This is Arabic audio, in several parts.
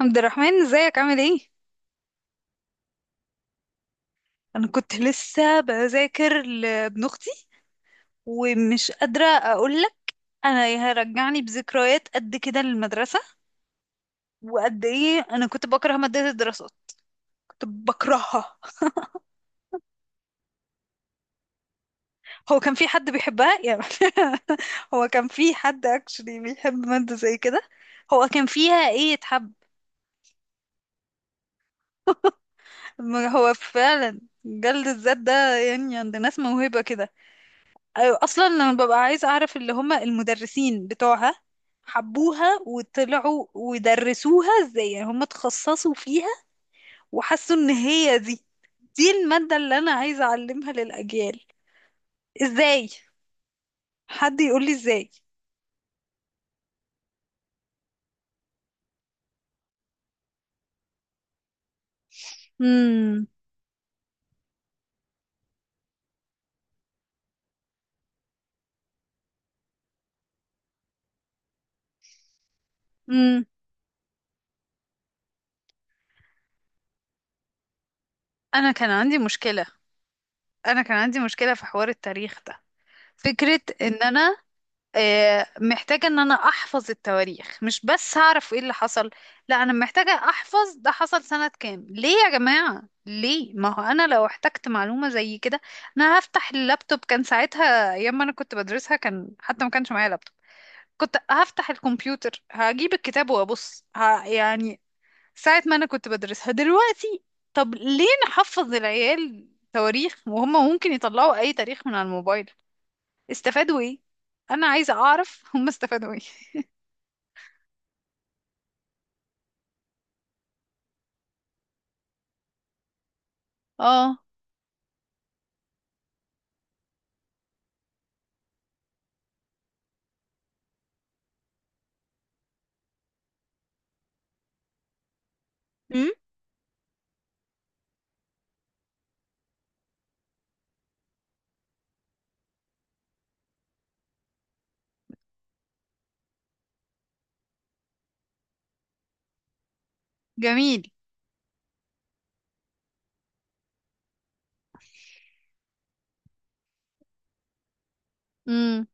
عبد الرحمن، ازيك؟ عامل ايه؟ انا كنت لسه بذاكر لابن اختي، ومش قادره اقول لك. انا هرجعني بذكريات قد كده للمدرسه، وقد ايه انا كنت بكره ماده الدراسات، كنت بكرهها. هو كان في حد بيحبها يعني؟ هو كان في حد اكشلي بيحب ماده زي كده؟ هو كان فيها ايه يتحب؟ ما هو فعلا جلد الذات ده، يعني عند ناس موهبه كده. أيوة، اصلا انا ببقى عايزه اعرف اللي هم المدرسين بتوعها حبوها وطلعوا ودرسوها ازاي، يعني هم اتخصصوا فيها وحسوا ان هي دي الماده اللي انا عايزه اعلمها للاجيال ازاي؟ حد يقول لي ازاي؟ امم امم انا كان عندي مشكله انا كان عندي مشكله في حوار التاريخ ده. فكره ان انا محتاجة ان انا احفظ التواريخ، مش بس هعرف ايه اللي حصل، لا، انا محتاجة احفظ ده حصل سنة كام. ليه يا جماعة؟ ليه؟ ما هو انا لو احتجت معلومة زي كده، انا هفتح اللابتوب. كان ساعتها ايام ما انا كنت بدرسها، كان حتى ما كانش معايا لابتوب. كنت هفتح الكمبيوتر، هجيب الكتاب وابص، يعني ساعة ما انا كنت بدرسها دلوقتي. طب ليه نحفظ العيال تواريخ وهم ممكن يطلعوا اي تاريخ من على الموبايل؟ استفادوا ايه؟ انا عايزه اعرف. هم استفادوا ايه؟ اه. امم. جميل. امم.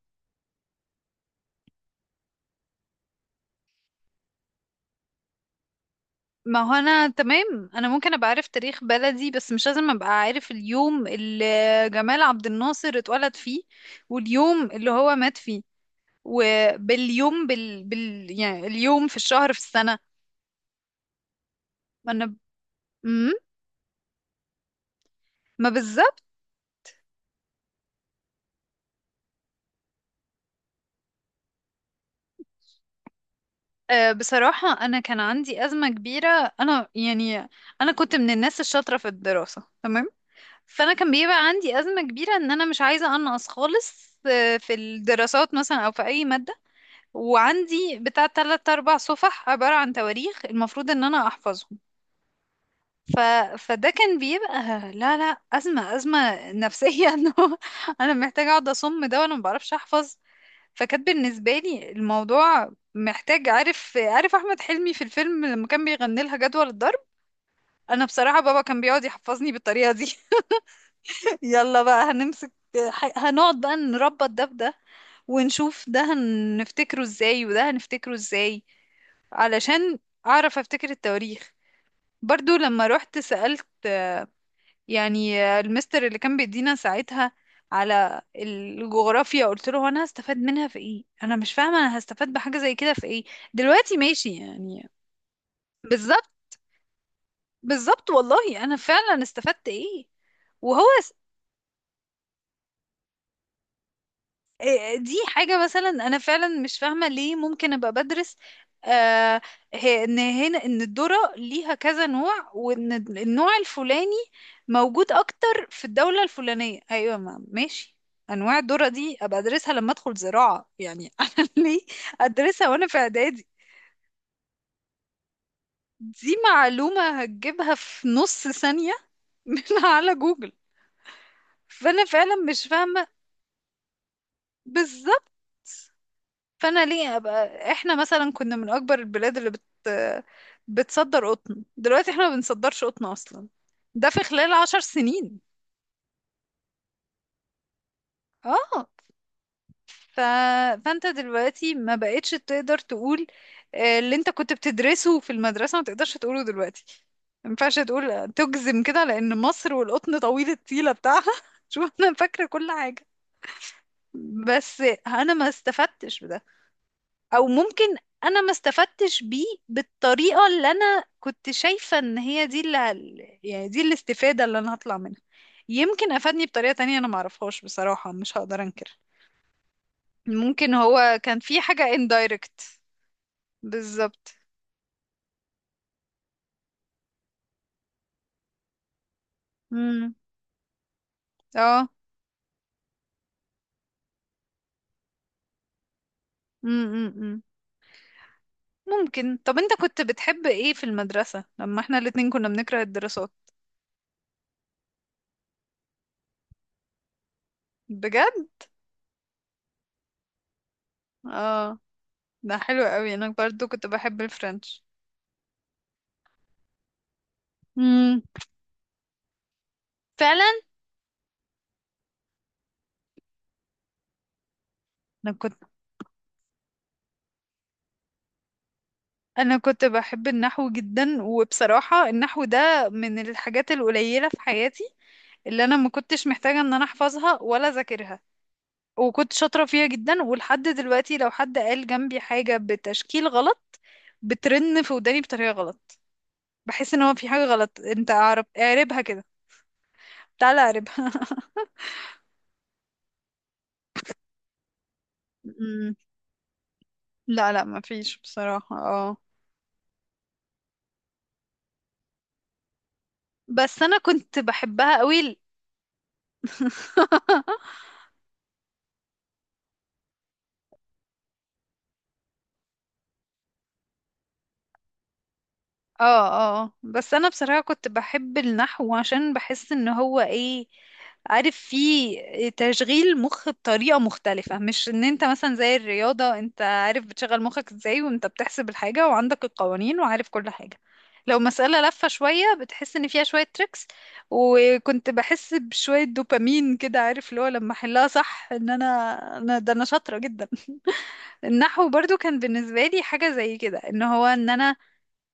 ما هو انا تمام، انا ممكن ابقى عارف تاريخ بلدي، بس مش لازم ابقى عارف اليوم اللي جمال عبد الناصر اتولد فيه، واليوم اللي هو مات فيه، وباليوم، يعني اليوم في الشهر في السنة. ما انا. امم. ما بالظبط. بصراحة انا كان عندي أزمة كبيرة. انا يعني، انا كنت من الناس الشاطرة في الدراسة، تمام. فانا كان بيبقى عندي ازمه كبيره ان انا مش عايزه انقص خالص، في الدراسات مثلا، او في اي ماده. وعندي بتاع تلات اربع صفح عباره عن تواريخ المفروض ان انا احفظهم. ف... فده كان بيبقى، لا، لا، ازمه، ازمه نفسيه، انه انا محتاجه اقعد اصم ده وانا ما بعرفش احفظ. فكانت بالنسبه لي الموضوع محتاج، عارف احمد حلمي في الفيلم لما كان بيغني لها جدول الضرب؟ انا بصراحه بابا كان بيقعد يحفظني بالطريقه دي. يلا بقى هنمسك، هنقعد بقى نربط ده بده، ونشوف ده هنفتكره ازاي وده هنفتكره ازاي، علشان اعرف افتكر التواريخ. برضو لما رحت سألت يعني المستر اللي كان بيدينا ساعتها على الجغرافيا، قلت له انا هستفاد منها في ايه؟ انا مش فاهمة انا هستفاد بحاجة زي كده في ايه دلوقتي، ماشي يعني؟ بالظبط. بالظبط والله، انا فعلا استفدت ايه؟ وهو، إيه، دي حاجة مثلا أنا فعلا مش فاهمة ليه ممكن أبقى بدرس، آه إن هنا إن الذرة ليها كذا نوع، وإن النوع الفلاني موجود أكتر في الدولة الفلانية، أيوة، ما ماشي. أنواع الذرة دي أبقى أدرسها لما أدخل زراعة يعني، أنا ليه أدرسها وأنا في إعدادي؟ دي معلومة هتجيبها في نص ثانية من على جوجل. فأنا فعلا مش فاهمة. بالظبط. فانا ليه ابقى، احنا مثلا كنا من اكبر البلاد اللي بتصدر قطن، دلوقتي احنا ما بنصدرش قطن اصلا. ده في خلال 10 سنين. اه. ف... فانت دلوقتي ما بقتش تقدر تقول، اللي انت كنت بتدرسه في المدرسة ما تقدرش تقوله دلوقتي. ما ينفعش تقول تجزم كده لان مصر والقطن طويل الطيلة بتاعها. شوف انا فاكرة كل حاجة، بس انا ما استفدتش بده. او ممكن انا ما استفدتش بيه بالطريقة اللي انا كنت شايفة ان هي دي اللي يعني دي الاستفادة اللي انا هطلع منها. يمكن افادني بطريقة تانية انا معرفهاش، بصراحة مش هقدر انكر. ممكن هو كان في حاجة indirect. بالظبط. امم. اه. امم. ممكن. طب انت كنت بتحب ايه في المدرسة لما احنا الاتنين كنا بنكره الدراسات؟ بجد؟ اه، ده حلو قوي، انا برضو كنت بحب الفرنش. امم. فعلا. انا كنت انا كنت بحب النحو جدا، وبصراحة النحو ده من الحاجات القليلة في حياتي اللي انا ما كنتش محتاجة ان انا احفظها ولا اذاكرها، وكنت شاطرة فيها جدا. ولحد دلوقتي لو حد قال جنبي حاجة بتشكيل غلط، بترن في وداني بطريقة غلط، بحس ان هو في حاجة غلط. انت اعربها كده، تعالى اعربها. م- لا، لا، ما فيش بصراحة، اه، بس انا كنت بحبها قوي. اه، اه، بس انا بصراحة كنت بحب النحو عشان بحس ان هو، ايه، عارف، فيه تشغيل مخ بطريقة مختلفة، مش ان انت مثلا زي الرياضة، انت عارف بتشغل مخك ازاي وانت بتحسب الحاجة وعندك القوانين وعارف كل حاجة، لو مسألة لفة شوية بتحس ان فيها شوية تريكس، وكنت بحس بشوية دوبامين كده، عارف اللي هو لما احلها صح ان انا ده انا شاطرة جدا. النحو برضو كان بالنسبة لي حاجة زي كده، ان هو ان انا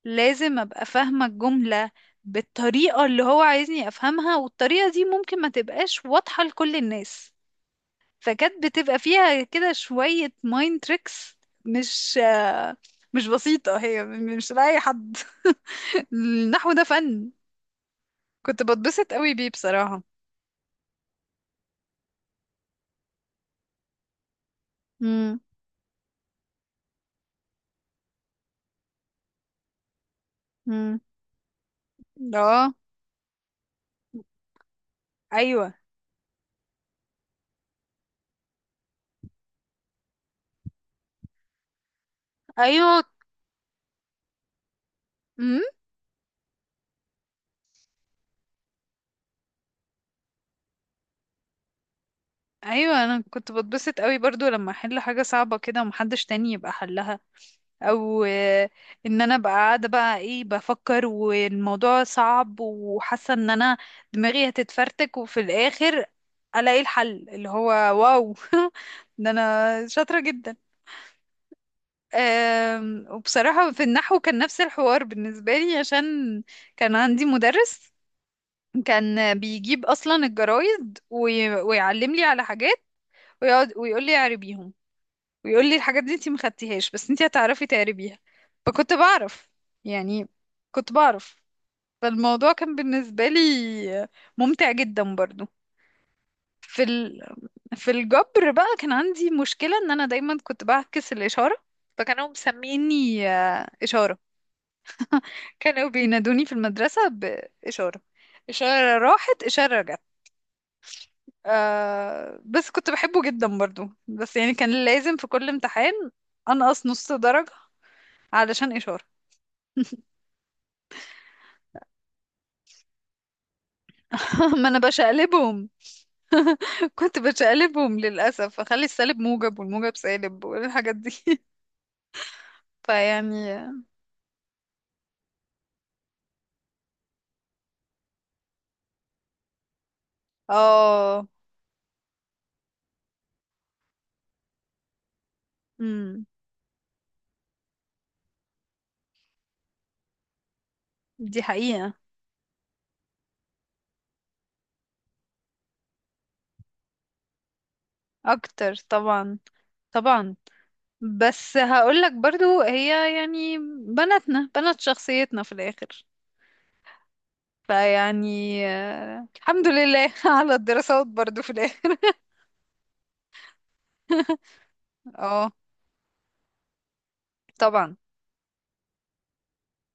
لازم ابقى فاهمة الجملة بالطريقة اللي هو عايزني افهمها، والطريقة دي ممكن ما تبقاش واضحة لكل الناس، فكانت بتبقى فيها كده شوية مايند تريكس. مش آه، مش بسيطة، هي مش لأي حد. النحو ده فن، كنت بتبسط قوي بيه بصراحة. امم. امم. اه. ايوه. ايوه. امم. ايوه، انا كنت بتبسط قوي برضو لما احل حاجة صعبة كده ومحدش تاني يبقى حلها، او ان انا ابقى قاعده بقى ايه بفكر والموضوع صعب، وحاسه ان انا دماغي هتتفرتك، وفي الاخر الاقي الحل اللي هو، واو! ده انا شاطره جدا. وبصراحه في النحو كان نفس الحوار بالنسبه لي، عشان كان عندي مدرس كان بيجيب اصلا الجرايد ويعلم لي على حاجات، ويقعد ويقول لي اعربيهم، ويقول لي الحاجات دي انتي ما خدتيهاش بس انتي هتعرفي تقربيها. فكنت بعرف، يعني كنت بعرف. فالموضوع كان بالنسبة لي ممتع جدا برضو. في ال... في الجبر بقى كان عندي مشكلة ان انا دايما كنت بعكس الإشارة، فكانوا مسميني إشارة. كانوا بينادوني في المدرسة بإشارة، إشارة راحت إشارة رجعت. آه، بس كنت بحبه جدا برضو، بس يعني كان لازم في كل امتحان أنقص نص درجة علشان إشارة. ما انا بشقلبهم، كنت بشقلبهم للاسف، اخلي السالب موجب والموجب سالب والحاجات دي. فيعني. اه. امم. دي حقيقة. اكتر طبعا. طبعا، بس هقولك برضو، هي يعني بناتنا بنات شخصيتنا في الاخر. فيعني الحمد لله على الدراسات برضو في الاخر. اه، طبعا.